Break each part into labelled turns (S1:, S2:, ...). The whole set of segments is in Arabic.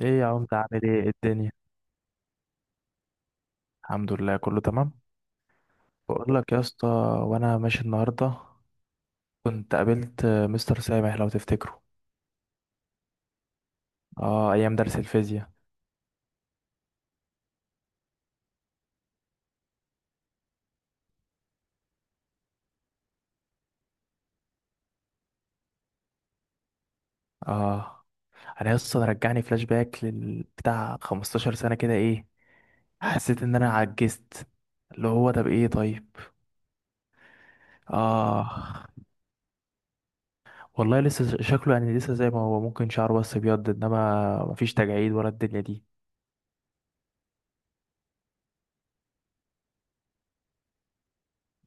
S1: ايه يا عم، عامل ايه؟ إيه الدنيا؟ الحمد لله، كله تمام. بقول لك يا اسطى، وانا ماشي النهارده كنت قابلت مستر سامح، لو تفتكره. اه، ايام درس الفيزياء. اه، انا يا اسطى رجعني فلاش باك بتاع 15 سنه كده، ايه. حسيت ان انا عجزت، اللي هو طب ايه؟ طيب. اه والله، لسه شكله يعني لسه زي ما هو، ممكن شعره بس ابيض، انما مفيش تجاعيد ولا الدنيا دي.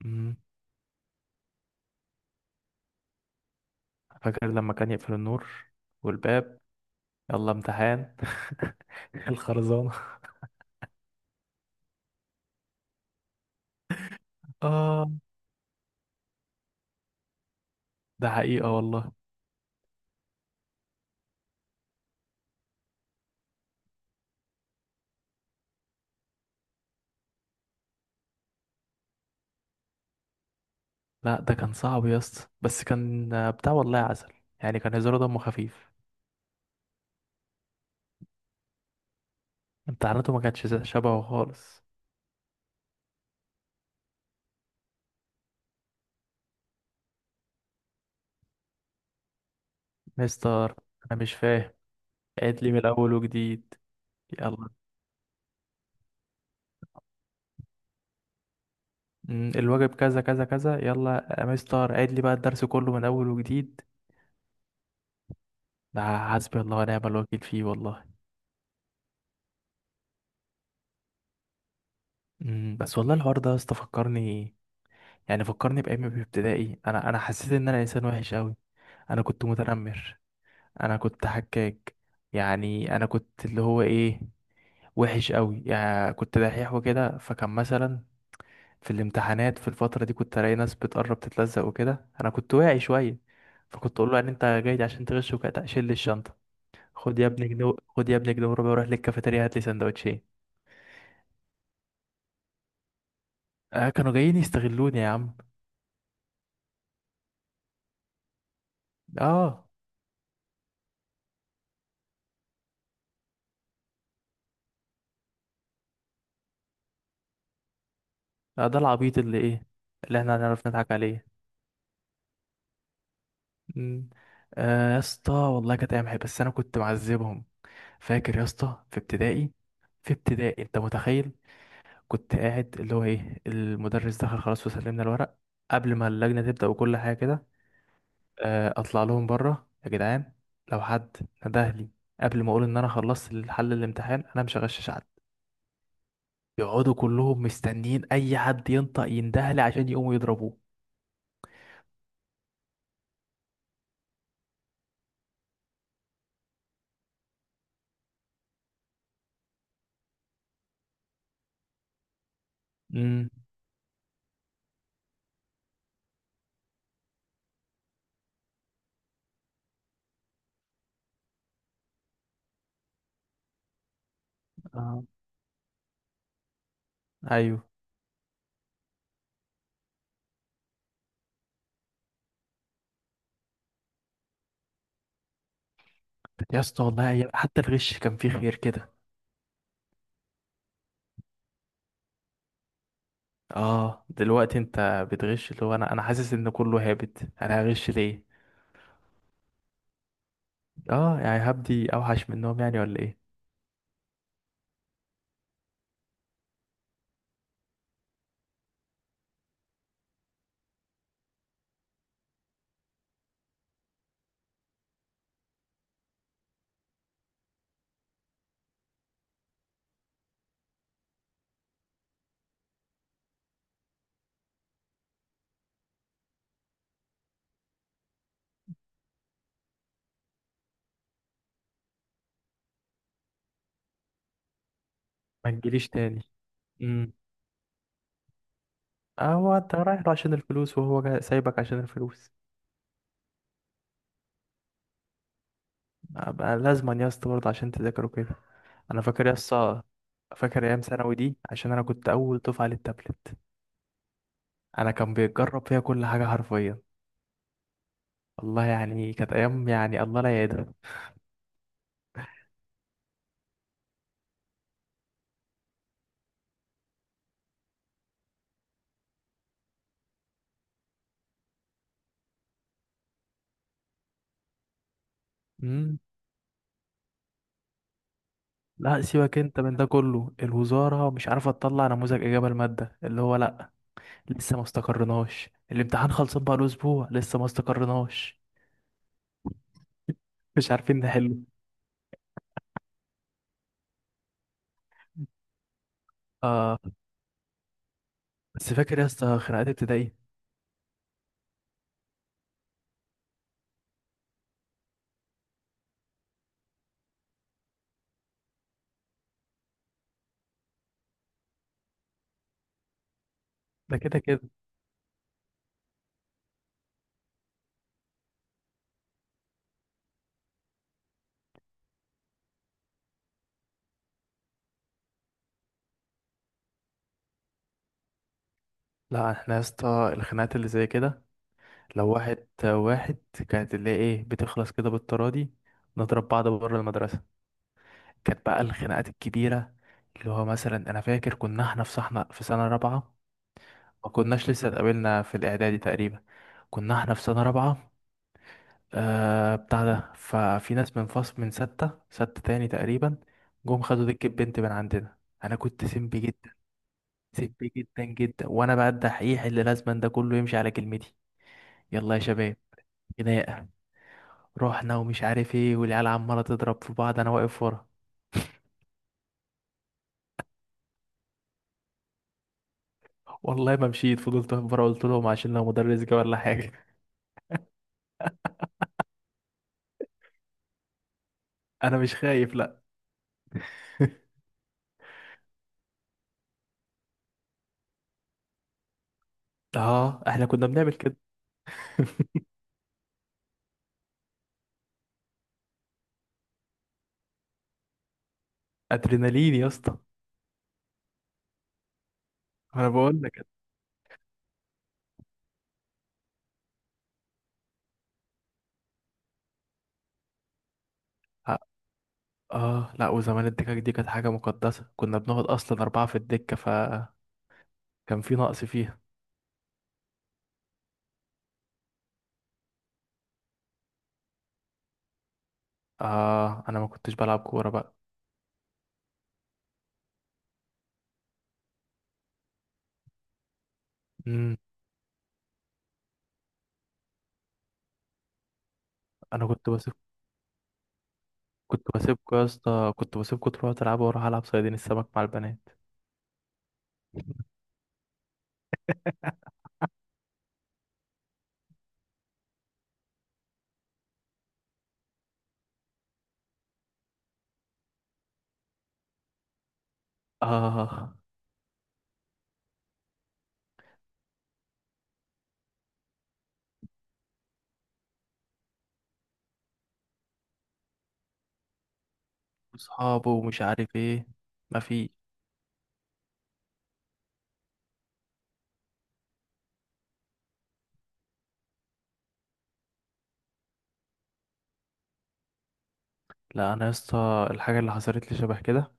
S1: مم. فاكر لما كان يقفل النور والباب؟ يلا امتحان الخرزانة. اه، ده حقيقة والله. لا، ده كان صعب يا اسطى، بس كان بتاع، والله عسل. يعني كان هزاره دمه خفيف. امتحاناته ما كانتش شبهه خالص. مستر، انا مش فاهم، عيد لي من الاول وجديد، يلا. الواجب كذا كذا كذا، يلا يا مستر عيد لي بقى الدرس كله من اول وجديد. ده حسبي الله ونعم الوكيل فيه والله. بس والله الحوار ده يا اسطى فكرني. يعني فكرني بايام في ابتدائي، انا حسيت ان انا انسان وحش قوي. انا كنت متنمر، انا كنت حكاك. يعني انا كنت اللي هو ايه، وحش قوي، يعني كنت دحيح وكده، فكان مثلا في الامتحانات في الفتره دي كنت الاقي ناس بتقرب تتلزق وكده، انا كنت واعي شويه. فكنت اقول له ان انت جاي عشان تغش وكده، شيل لي الشنطه، خد يا ابني جنيه، خد يا ابني جنيه وربع وروح للكافيتيريا هات لي سندوتشين. آه، كانوا جايين يستغلوني يا عم. اه. آه، ده العبيط اللي ايه، اللي احنا هنعرف نضحك عليه. مم. آه يا اسطى، والله كانت ايام حلوة، بس انا كنت معذبهم. فاكر يا اسطى في ابتدائي؟ في ابتدائي انت متخيل؟ كنت قاعد اللي هو ايه، المدرس دخل خلاص وسلمنا الورق قبل ما اللجنة تبدأ وكل حاجة كده. آه، اطلع لهم بره يا جدعان، لو حد نده لي قبل ما اقول ان انا خلصت الحل الامتحان، انا مش هغشش حد. يقعدوا كلهم مستنيين اي حد ينطق ينده لي عشان يقوموا يضربوه. امم. اه. ايوه. يا اسطى والله، حتى الغش كان فيه خير كده. اه، دلوقتي انت بتغش اللي هو انا حاسس ان كله هابط، انا هغش ليه؟ اه، يعني هبدي اوحش منهم يعني ولا ايه؟ ما تجيليش تاني. امم. آه، هو انت رايح له عشان الفلوس، وهو سايبك عشان الفلوس. بقى لازما يا اسطى برضه عشان تذاكره كده. انا فاكر يا اسطى، فاكر ايام ثانوي دي، عشان انا كنت اول دفعه للتابلت. انا كان بيتجرب فيها كل حاجه حرفيا. والله يعني كانت ايام، يعني الله لا يعيدها. امم. لا سيبك انت من ده كله، الوزاره مش عارفه تطلع نموذج اجابه الماده اللي هو لا. لسه ما استقرناش الامتحان، خلصان بقى له اسبوع لسه ما استقرناش. مش عارفين نحله. آه، بس فاكر يا اسطى خناقات ابتدائي؟ ده كده كده. لا احنا يا اسطى، الخناقات اللي زي كده لو واحد واحد، كانت اللي هي ايه، بتخلص كده بالتراضي، نضرب بعض بره المدرسة. كانت بقى الخناقات الكبيرة، اللي هو مثلا انا فاكر كنا احنا في صحنا في سنة رابعة. ما كناش لسه اتقابلنا في الاعدادي تقريبا. كنا احنا في سنة رابعة. آه، بتاع ده ففي ناس من فصل من ستة ستة تاني تقريبا، جم خدوا دكة بنت من عندنا. انا كنت سمبي جدا، سبي جدا جدا، وانا بقى الدحيح اللي لازم ده كله يمشي على كلمتي. يلا يا شباب، خناقه. رحنا ومش عارف ايه، والعيال عماله تضرب في بعض، انا واقف ورا. والله ما مشيت، فضلت واقف ورا، قلت لهم عشان لو مدرس جه ولا حاجه. انا مش خايف، لا. اه، احنا كنا بنعمل كده. ادرينالين يا اسطى. انا بقول لك. اه. آه، لا وزمان الدكك دي كانت حاجه مقدسه، كنا بنقعد اصلا اربعه في الدكه، فكان في نقص فيها. اه، انا ما كنتش بلعب كوره بقى. امم. انا كنت بس، كنت بسيبكوا يا اسطى، كنت بسيبكوا تروحوا تلعبوا واروح العب صيادين السمك مع البنات. اه. وصحابه ومش عارف ايه. ما في. لا، انا يا اسطى الحاجه اللي حصلت لي شبه كده.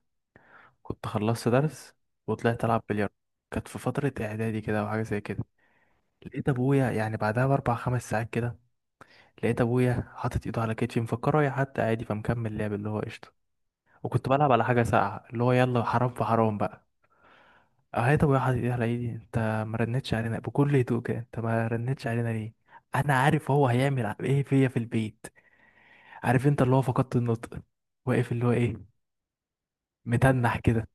S1: كنت خلصت درس وطلعت العب بلياردو، كانت في فتره اعدادي كده او حاجه زي كده. لقيت ابويا يعني بعدها باربع خمس ساعات كده، لقيت ابويا حاطط ايده على كتفي، مفكره رايح حتى عادي، فمكمل لعب اللي هو قشطه. وكنت بلعب على حاجه ساقعه اللي هو يلا حرام في حرام بقى. اه، طب يا حبيبي يا لعيدي انت، ما رنتش علينا بكل هدوء كده؟ انت ما رنتش علينا ليه؟ انا عارف هو هيعمل ايه فيا في البيت. عارف انت اللي هو فقدت النطق، واقف اللي هو ايه، متنح كده.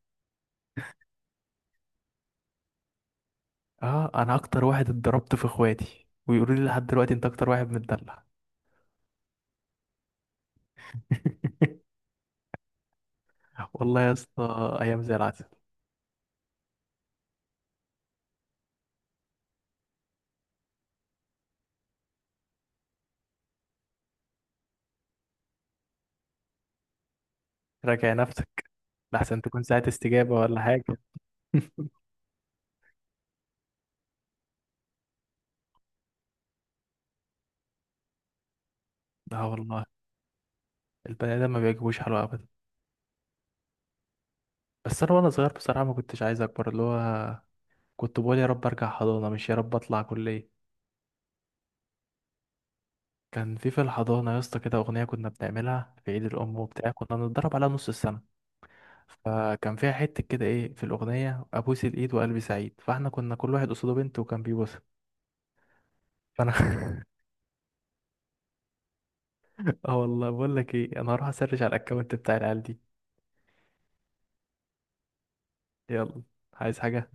S1: اه، انا اكتر واحد اتضربت في اخواتي، ويقولوا لي لحد دلوقتي انت اكتر واحد متدلع. والله يا اسطى ايام زي العسل. راجع نفسك، لحسن تكون ساعة استجابة ولا حاجة. اه والله، البني ادم ما بيعجبوش حلو ابدا. بس انا وانا صغير بصراحة ما كنتش عايز اكبر، اللي هو كنت بقول يا رب ارجع حضانه، مش يا رب اطلع كليه. كان في الحضانه يا اسطى كده اغنيه كنا بنعملها في عيد الام وبتاع، كنا بنتدرب عليها نص السنه. فكان فيها حته كده ايه في الاغنيه، ابوس الايد وقلبي سعيد، فاحنا كنا كل واحد قصاده بنت وكان بيبوسها. فانا اه والله، بقول لك ايه، انا هروح اسرش على الاكونت بتاع العيال دي. يلا. عايز حاجه؟